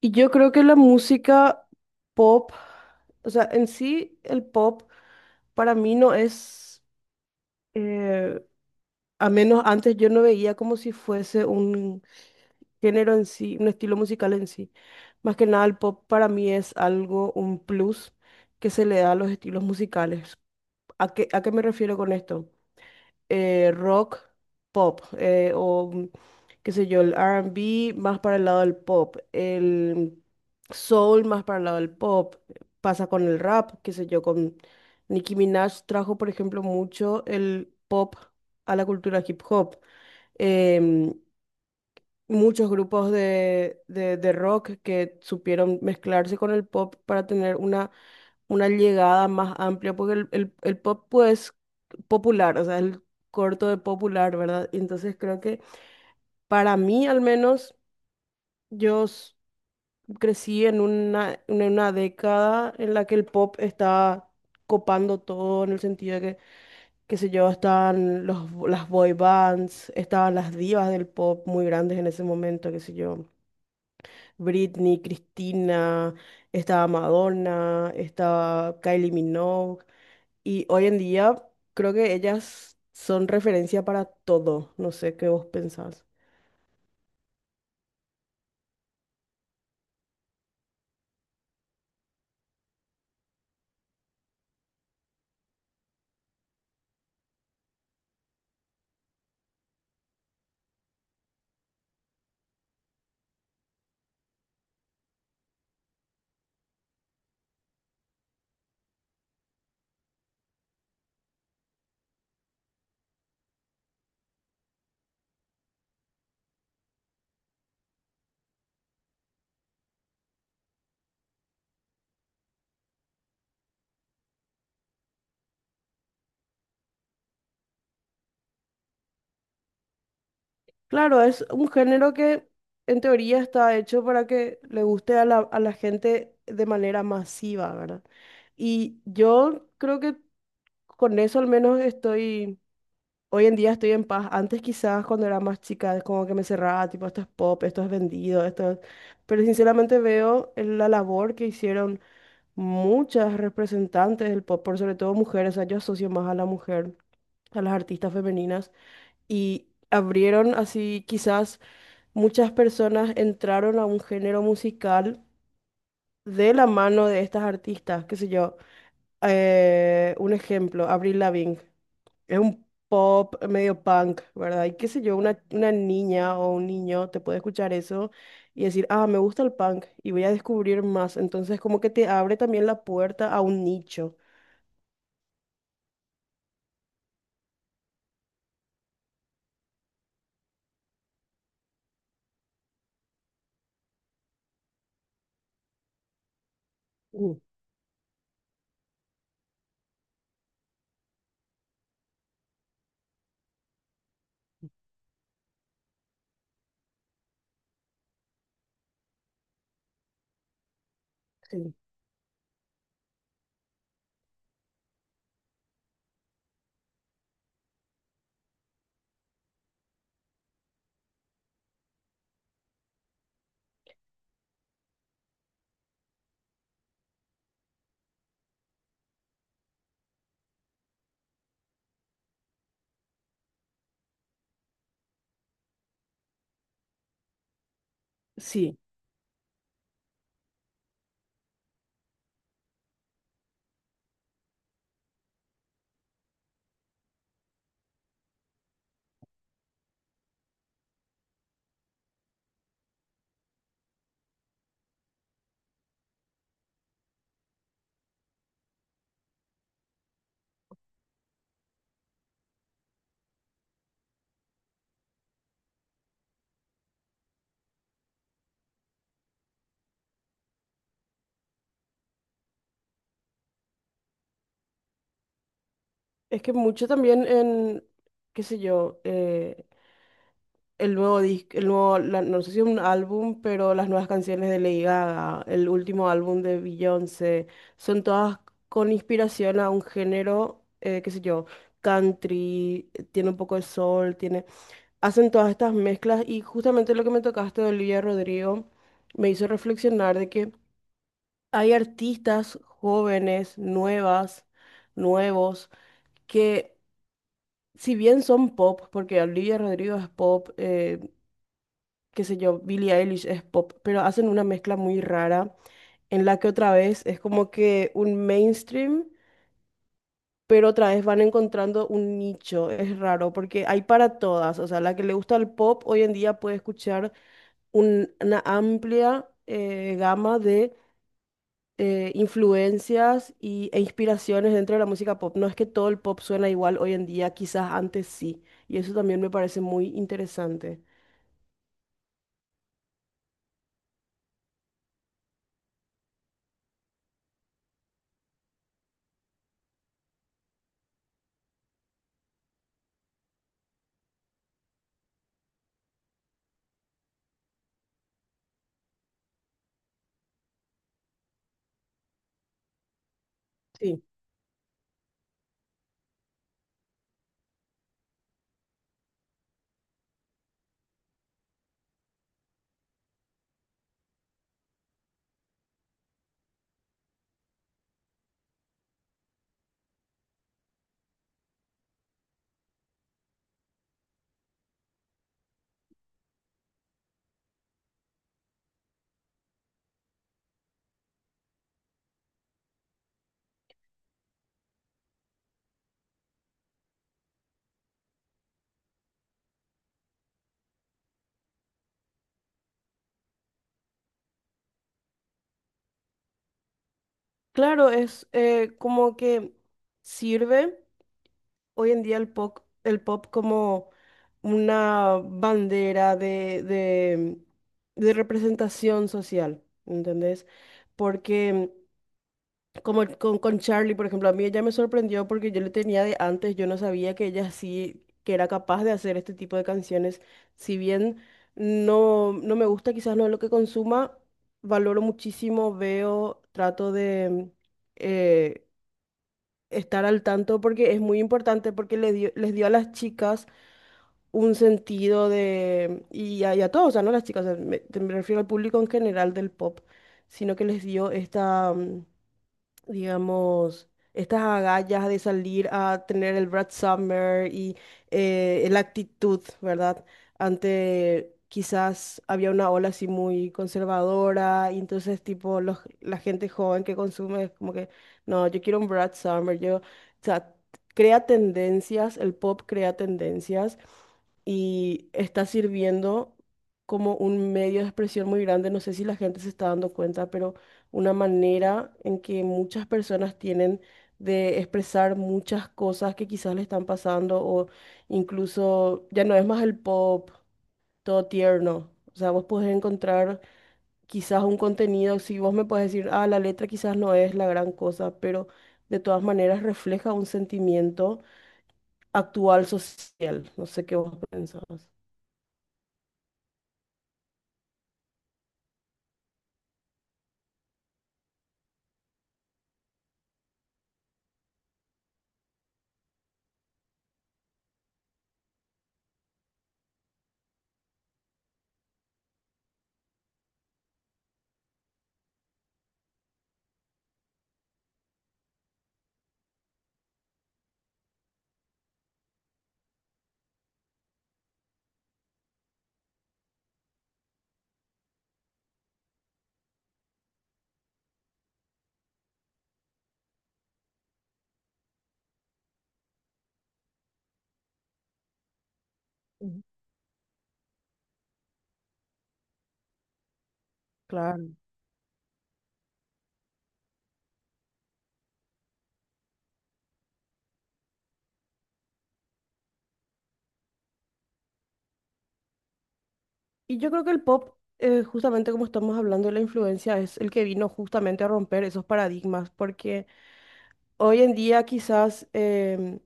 Y yo creo que la música pop, o sea, en sí el pop para mí no es, eh, a menos antes yo no veía como si fuese un género en sí, un estilo musical en sí. Más que nada el pop para mí es algo, un plus que se le da a los estilos musicales. ¿A qué me refiero con esto? Rock, pop, o qué sé yo, el R&B más para el lado del pop, el soul más para el lado del pop, pasa con el rap, qué sé yo, con Nicki Minaj trajo, por ejemplo, mucho el pop a la cultura hip hop. Em, muchos grupos de rock que supieron mezclarse con el pop para tener una llegada más amplia, porque el pop pues popular, o sea, el corto de popular, ¿verdad? Y entonces creo que para mí al menos yo s- crecí en una década en la que el pop está copando todo en el sentido de que, qué sé yo, estaban las boy bands, estaban las divas del pop muy grandes en ese momento, qué sé yo. Britney, Cristina, estaba Madonna, estaba Kylie Minogue. Y hoy en día creo que ellas son referencia para todo. No sé qué vos pensás. Claro, es un género que en teoría está hecho para que le guste a la gente de manera masiva, ¿verdad? Y yo creo que con eso al menos estoy hoy en día estoy en paz. Antes quizás cuando era más chica, como que me cerraba, tipo, esto es pop, esto es vendido, esto es. Pero sinceramente veo la labor que hicieron muchas representantes del pop, por sobre todo mujeres, o sea, yo asocio más a la mujer, a las artistas femeninas, y abrieron así, quizás muchas personas entraron a un género musical de la mano de estas artistas, qué sé yo. Un ejemplo, Avril Lavigne. Es un pop medio punk, ¿verdad? Y qué sé yo, una niña o un niño te puede escuchar eso y decir, ah, me gusta el punk y voy a descubrir más. Entonces, como que te abre también la puerta a un nicho. Mm, sí. Sí. Es que mucho también en, qué sé yo, el nuevo disco, el nuevo, no sé si es un álbum, pero las nuevas canciones de Lady Gaga, el último álbum de Beyoncé, son todas con inspiración a un género, qué sé yo, country, tiene un poco de soul, hacen todas estas mezclas y justamente lo que me tocaste de Olivia Rodrigo me hizo reflexionar de que hay artistas jóvenes, nuevas, nuevos, que si bien son pop, porque Olivia Rodrigo es pop, qué sé yo, Billie Eilish es pop, pero hacen una mezcla muy rara en la que otra vez es como que un mainstream, pero otra vez van encontrando un nicho. Es raro porque hay para todas. O sea, la que le gusta el pop hoy en día puede escuchar una amplia gama de influencias e inspiraciones dentro de la música pop. No es que todo el pop suena igual hoy en día, quizás antes sí. Y eso también me parece muy interesante. Sí, claro, es como que sirve hoy en día el pop como una bandera de representación social, ¿entendés? Porque Como con Charlie, por ejemplo, a mí ella me sorprendió porque yo le tenía de antes, yo no sabía que ella sí, que era capaz de hacer este tipo de canciones. Si bien no, no me gusta, quizás no es lo que consuma, valoro muchísimo, veo, trato de eh, estar al tanto porque es muy importante, porque les dio a las chicas un sentido de, y a todos, o sea, no a las chicas, o sea, me refiero al público en general del pop, sino que les dio digamos, estas agallas de salir a tener el Brad Summer y la actitud, ¿verdad? Ante quizás había una ola así muy conservadora y entonces tipo la gente joven que consume es como que, no, yo quiero un Brad Summer, o sea, crea tendencias, el pop crea tendencias y está sirviendo como un medio de expresión muy grande. No sé si la gente se está dando cuenta, pero una manera en que muchas personas tienen de expresar muchas cosas que quizás le están pasando o incluso ya no es más el pop todo tierno. O sea, vos podés encontrar quizás un contenido, si vos me podés decir, ah, la letra quizás no es la gran cosa, pero de todas maneras refleja un sentimiento actual social. No sé qué vos pensás. Ujú. Claro. Y yo creo que el pop, justamente como estamos hablando de la influencia, es el que vino justamente a romper esos paradigmas, porque hoy en día quizás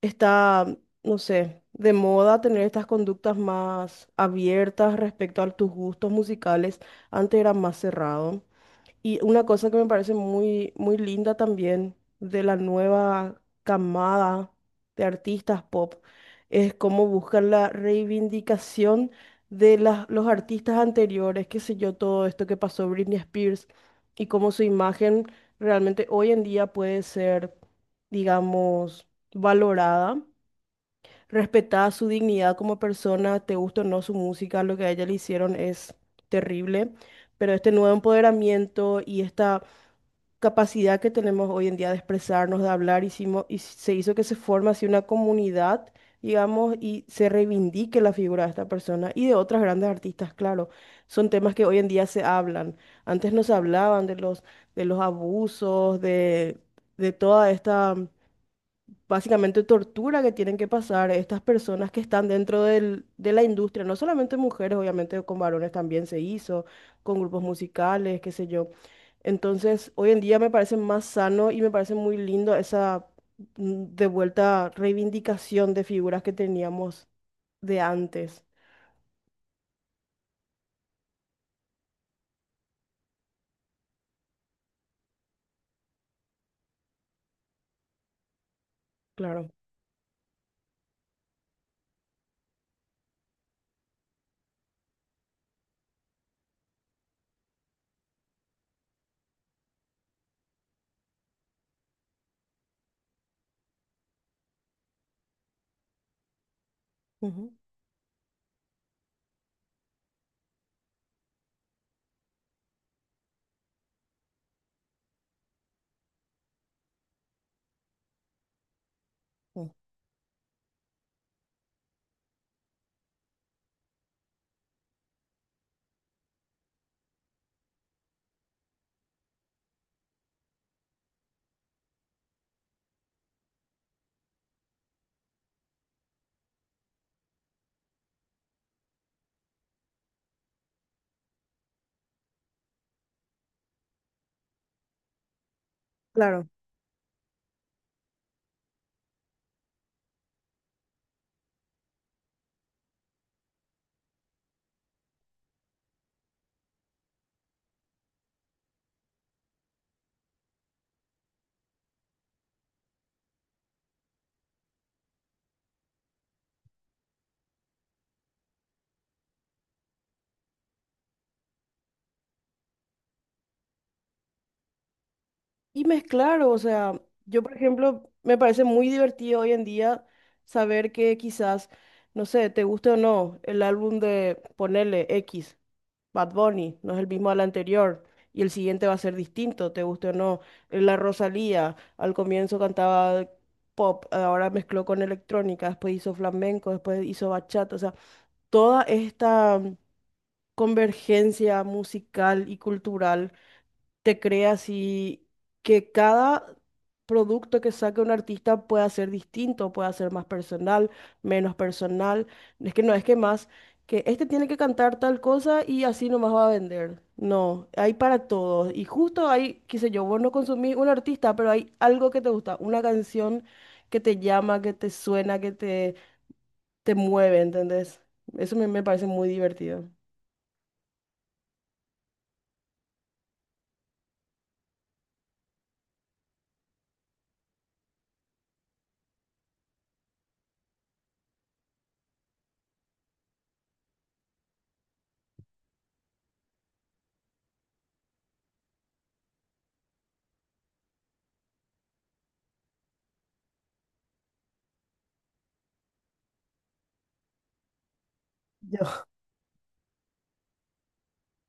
está, no sé, de moda tener estas conductas más abiertas respecto a tus gustos musicales, antes era más cerrado. Y una cosa que me parece muy, muy linda también de la nueva camada de artistas pop es cómo buscan la reivindicación de los artistas anteriores, qué sé yo, todo esto que pasó Britney Spears y cómo su imagen realmente hoy en día puede ser, digamos, valorada. Respetada su dignidad como persona, te gusta o no su música, lo que a ella le hicieron es terrible, pero este nuevo empoderamiento y esta capacidad que tenemos hoy en día de expresarnos, de hablar, y se hizo que se forme así una comunidad, digamos, y se reivindique la figura de esta persona y de otras grandes artistas, claro. Son temas que hoy en día se hablan. Antes no se hablaban de los abusos, de toda esta básicamente tortura que tienen que pasar estas personas que están dentro de la industria, no solamente mujeres, obviamente con varones también se hizo, con grupos musicales, qué sé yo. Entonces, hoy en día me parece más sano y me parece muy lindo esa de vuelta reivindicación de figuras que teníamos de antes. Claro. Ujú. Mm. Claro. Y mezclar, o sea, yo por ejemplo, me parece muy divertido hoy en día saber que quizás, no sé, te guste o no, el álbum de Ponele X, Bad Bunny, no es el mismo al anterior, y el siguiente va a ser distinto, te guste o no. La Rosalía, al comienzo cantaba pop, ahora mezcló con electrónica, después hizo flamenco, después hizo bachata, o sea, toda esta convergencia musical y cultural te creas y que cada producto que saque un artista pueda ser distinto, pueda ser más personal, menos personal. Es que no, es que más, que este tiene que cantar tal cosa y así nomás va a vender. No, hay para todos. Y justo hay, qué sé yo, vos no consumís un artista, pero hay algo que te gusta, una canción que te llama, que te suena, que te mueve, ¿entendés? Eso me parece muy divertido. Yo.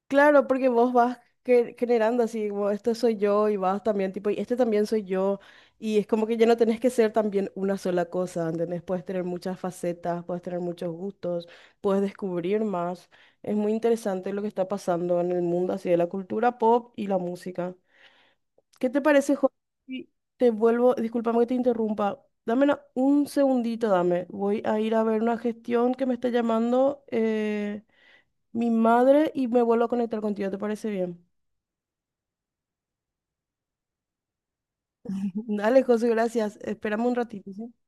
Claro, porque vos vas generando así, como esto soy yo y vas también, tipo, y este también soy yo. Y es como que ya no tenés que ser también una sola cosa, ¿entendés? Puedes tener muchas facetas, puedes tener muchos gustos, puedes descubrir más. Es muy interesante lo que está pasando en el mundo así de la cultura pop y la música. ¿Qué te parece, Jorge? Si Te vuelvo, discúlpame que te interrumpa. Dame un segundito, dame. Voy a ir a ver una gestión que me está llamando, mi madre, y me vuelvo a conectar contigo, ¿te parece bien? Dale, José, gracias. Esperamos un ratito, ¿sí?